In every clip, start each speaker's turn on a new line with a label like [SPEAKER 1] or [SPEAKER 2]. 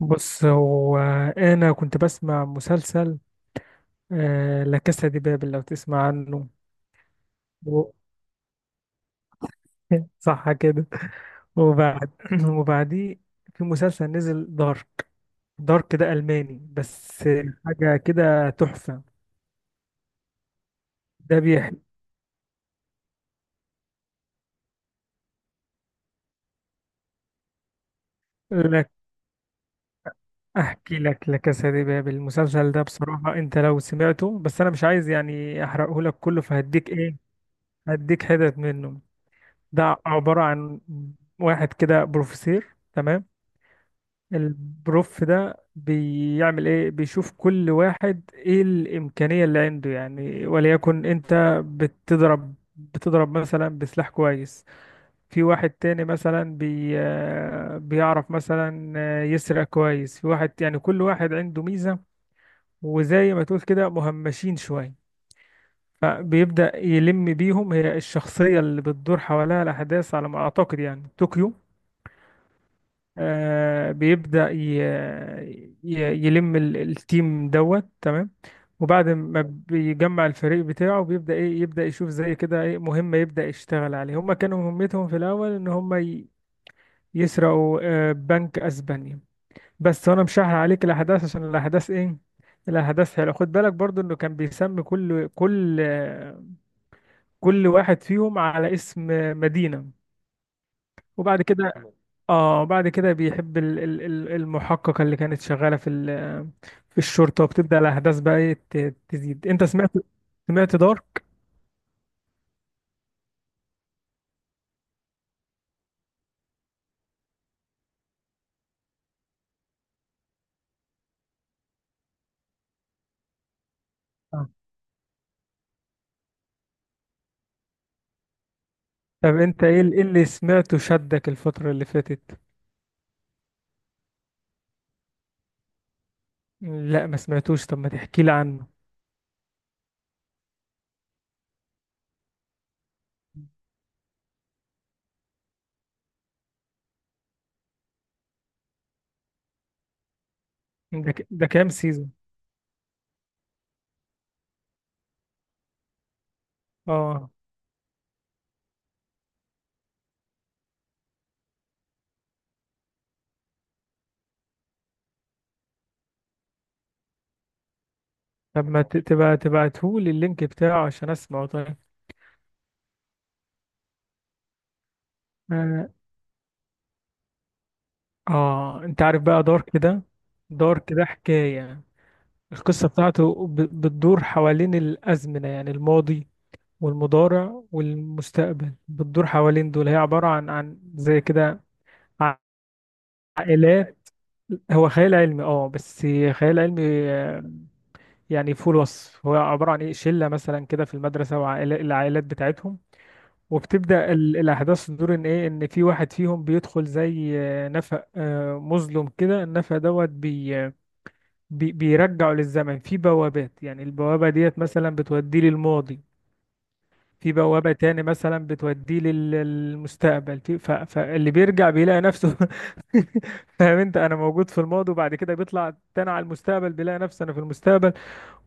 [SPEAKER 1] بص هو، انا كنت بسمع مسلسل. لا كاسا دي بابل، لو تسمع عنه. و- صح كده. وبعد وبعديه في مسلسل نزل، دارك. دارك ده الماني بس. حاجه كده تحفه. ده بيحكي لك. احكي لك لا كاسا دي بابل. المسلسل ده بصراحه انت لو سمعته، بس انا مش عايز يعني احرقه لك كله، فهديك ايه، هديك حتت منه. ده عباره عن واحد كده بروفيسور، تمام. البروف ده بيعمل ايه؟ بيشوف كل واحد ايه الامكانية اللي عنده، يعني وليكن انت بتضرب مثلا بسلاح كويس. في واحد تاني مثلا بي آه، بيعرف مثلا يسرق كويس. في واحد، يعني كل واحد عنده ميزة. وزي ما تقول كده مهمشين شوية. فبيبدأ يلم بيهم. هي الشخصية اللي بتدور حواليها الأحداث على ما أعتقد يعني طوكيو. بيبدأ يلم التيم دوت، تمام. وبعد ما بيجمع الفريق بتاعه بيبدأ ايه، يبدأ يشوف زي كده ايه مهمة، يبدأ يشتغل عليها. هما كانوا مهمتهم في الأول ان هما يسرقوا بنك اسبانيا. بس انا مش هحرق عليك الاحداث عشان الاحداث ايه، الاحداث حلوه. خد بالك برضو انه كان بيسمي كل واحد فيهم على اسم مدينة. وبعد كده، اه، بعد كده بيحب المحققة اللي كانت شغالة في في الشرطة، وبتبدأ الأحداث بقى ايه تزيد. انت سمعت؟ سمعت دارك؟ آه. طب انت ايه إيه اللي سمعته شدك الفترة اللي فاتت؟ لا، ما سمعتوش، طب ما تحكي لي عنه. ده كام سيزون؟ اه. طب ما تبقى تبعتهولي اللينك بتاعه عشان اسمعه، طيب. اه. انت عارف بقى دارك ده؟ دارك ده حكاية. القصة بتاعته بتدور حوالين الأزمنة، يعني الماضي والمضارع والمستقبل، بتدور حوالين دول. هي عبارة عن زي كده عائلات. هو خيال علمي، اه، بس خيال علمي. آه، يعني فوق الوصف. هو عبارة عن ايه، شلة مثلا كده في المدرسة، وعائلات العائلات بتاعتهم. وبتبدأ الأحداث تدور إن إيه، إن في واحد فيهم بيدخل زي نفق مظلم كده. النفق دوت بيرجعه للزمن، في بوابات، يعني البوابة ديت مثلا بتوديه للماضي، في بوابة تاني مثلا بتوديه للمستقبل. في فاللي بيرجع بيلاقي نفسه. فاهم انت؟ انا موجود في الماضي، وبعد كده بيطلع تاني على المستقبل بيلاقي نفسه انا في المستقبل.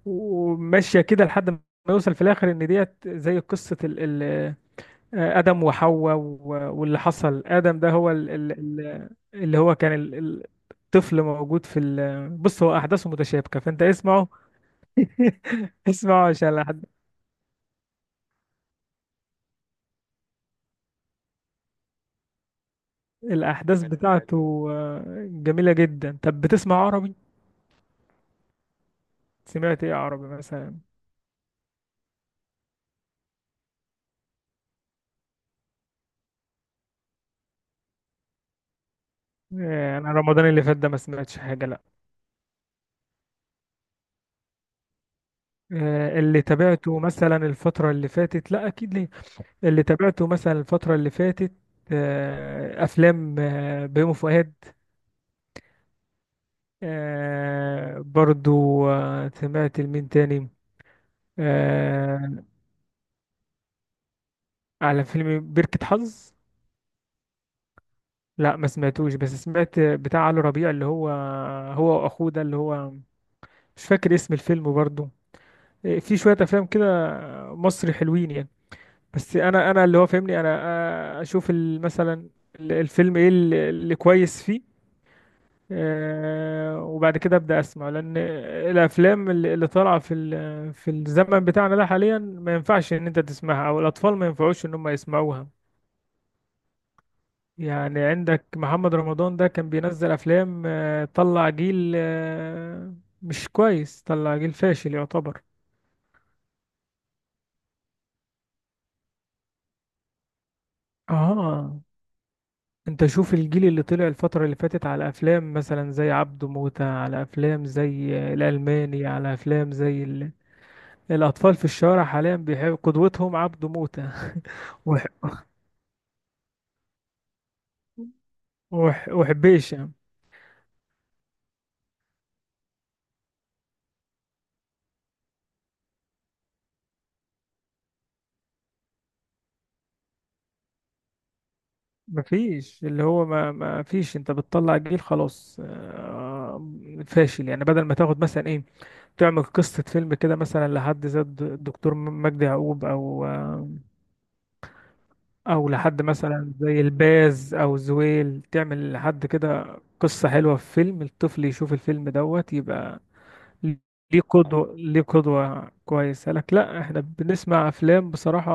[SPEAKER 1] وماشية كده لحد ما يوصل في الآخر إن ديت زي قصة ال ال آدم وحواء واللي حصل. آدم ده هو ال ال ال اللي هو كان ال- ال- الطفل موجود في ال. بص هو أحداثه متشابكة، فأنت اسمعه. اسمعه عشان الأحداث حلو حلو بتاعته جميلة جدا. طب بتسمع عربي؟ سمعت إيه عربي مثلا؟ أنا رمضان اللي فات ده ما سمعتش حاجة، لأ. اللي تابعته مثلا الفترة اللي فاتت، لأ أكيد ليه. اللي تابعته مثلا الفترة اللي فاتت أفلام بيومي فؤاد. برضو سمعت لمين تاني. آه، على فيلم بركة حظ. لأ ما سمعتوش، بس سمعت بتاع علي ربيع اللي هو، هو وأخوه ده اللي هو، مش فاكر اسم الفيلم برضو. إيه، في شوية افلام كده مصري حلوين يعني. بس انا اللي هو فاهمني انا اشوف مثلا الفيلم ايه اللي كويس فيه. وبعد كده ابدا اسمع، لان الافلام اللي طالعه في في الزمن بتاعنا ده حاليا ما ينفعش ان انت تسمعها، او الاطفال ما ينفعوش ان هم يسمعوها. يعني عندك محمد رمضان ده كان بينزل افلام طلع جيل مش كويس، طلع جيل فاشل يعتبر. اه، انت شوف الجيل اللي طلع الفترة اللي فاتت على افلام مثلا زي عبده موتة، على افلام زي الالماني، على افلام زي ال... الاطفال في الشارع حاليا بيحب قدوتهم عبده موتة وح... وحبيشة. مفيش اللي هو ما فيش، انت بتطلع جيل خلاص فاشل، يعني بدل ما تاخد مثلا ايه، تعمل قصة فيلم كده مثلا لحد زي الدكتور مجدي يعقوب، او او لحد مثلا زي الباز او زويل، تعمل لحد كده قصة حلوة في فيلم، الطفل يشوف الفيلم دوت يبقى ليه قدوة، ليه قدوة كويسة لك. لا، احنا بنسمع افلام بصراحة،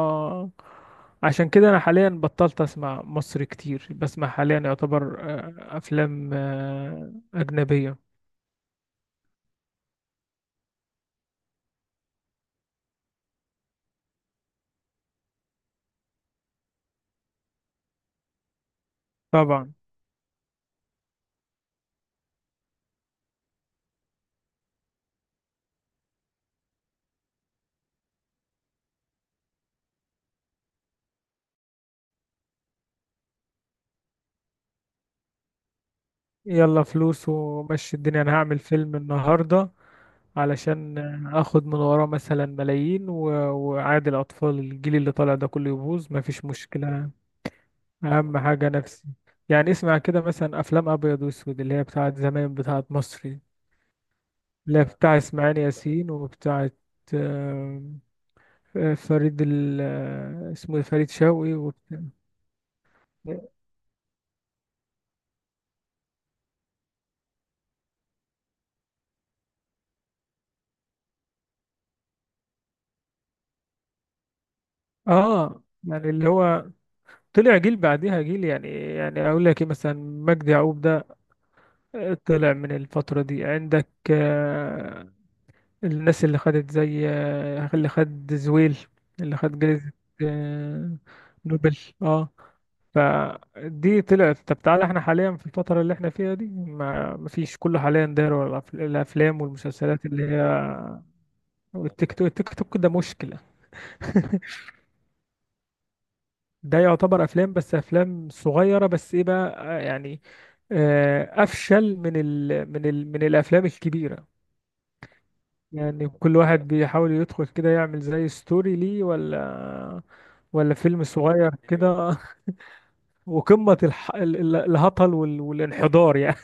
[SPEAKER 1] عشان كده انا حاليا بطلت اسمع مصري كتير، بسمع حاليا يعتبر افلام اجنبية. طبعا. يلا، فلوس ومشي الدنيا، انا هعمل فيلم النهارده علشان اخد من وراه مثلا ملايين وعادي الاطفال، الجيل اللي طالع ده كله يبوظ، مفيش مشكله. اهم حاجه نفسي يعني اسمع كده مثلا افلام ابيض واسود اللي هي بتاعت زمان، بتاعت مصري، اللي هي بتاع اسماعيل ياسين وبتاعت آه، فريد ال... آه، اسمه إيه؟ فريد شوقي وبتاع. اه، يعني اللي هو طلع جيل بعديها جيل، يعني اقول لك ايه مثلا، مجدي يعقوب ده طلع من الفترة دي. عندك الناس اللي خدت زي اللي خد زويل، اللي خد جائزة آه، نوبل. اه. فدي طلعت. طب تعالى احنا حاليا في الفترة اللي احنا فيها دي، ما مفيش، كله حاليا داير ورا الافلام والمسلسلات اللي هي والتيك توك. التيك توك ده مشكلة. ده يعتبر افلام، بس افلام صغيرة، بس ايه بقى افشل من ال من ال من الافلام الكبيرة، يعني كل واحد بيحاول يدخل كده يعمل زي ستوري ليه، ولا فيلم صغير كده. وقمة الهطل والانحدار يعني.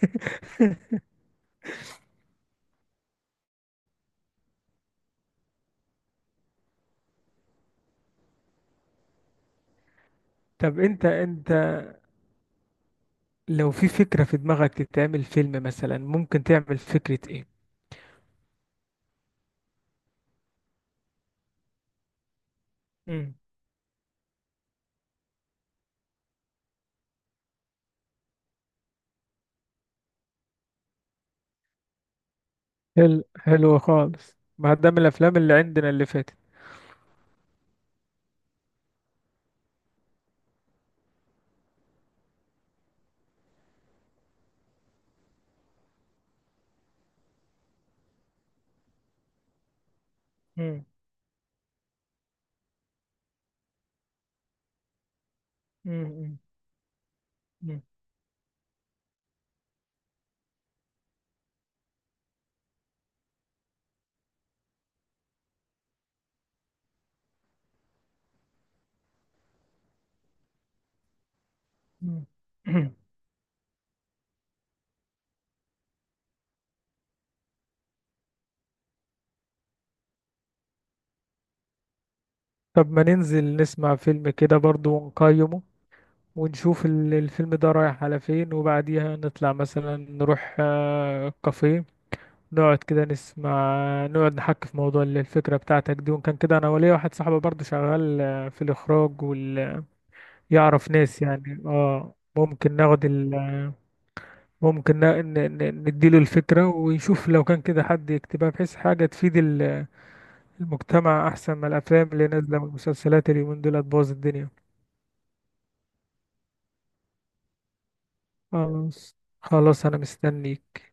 [SPEAKER 1] طب انت لو في فكرة في دماغك تتعمل فيلم مثلا ممكن تعمل فكرة ايه؟ مم. حلو، حلو خالص، ما ده من الافلام اللي عندنا اللي فاتت. مم. مم. مم. مم. مم. طب ما ننزل نسمع فيلم كده برضو ونقيمه، ونشوف الفيلم ده رايح على فين، وبعديها نطلع مثلا نروح كافيه، نقعد كده نسمع، نقعد نحكي في موضوع الفكرة بتاعتك دي. وإن كان كده أنا وليا واحد صاحبي برضه شغال في الإخراج يعرف ناس، يعني اه ممكن ناخد ال... ممكن نديله الفكرة ويشوف لو كان كده حد يكتبها بحيث حاجة تفيد المجتمع أحسن من الأفلام اللي نازلة والمسلسلات اليومين دول هتبوظ الدنيا. خلاص، خلاص أنا مستنيك.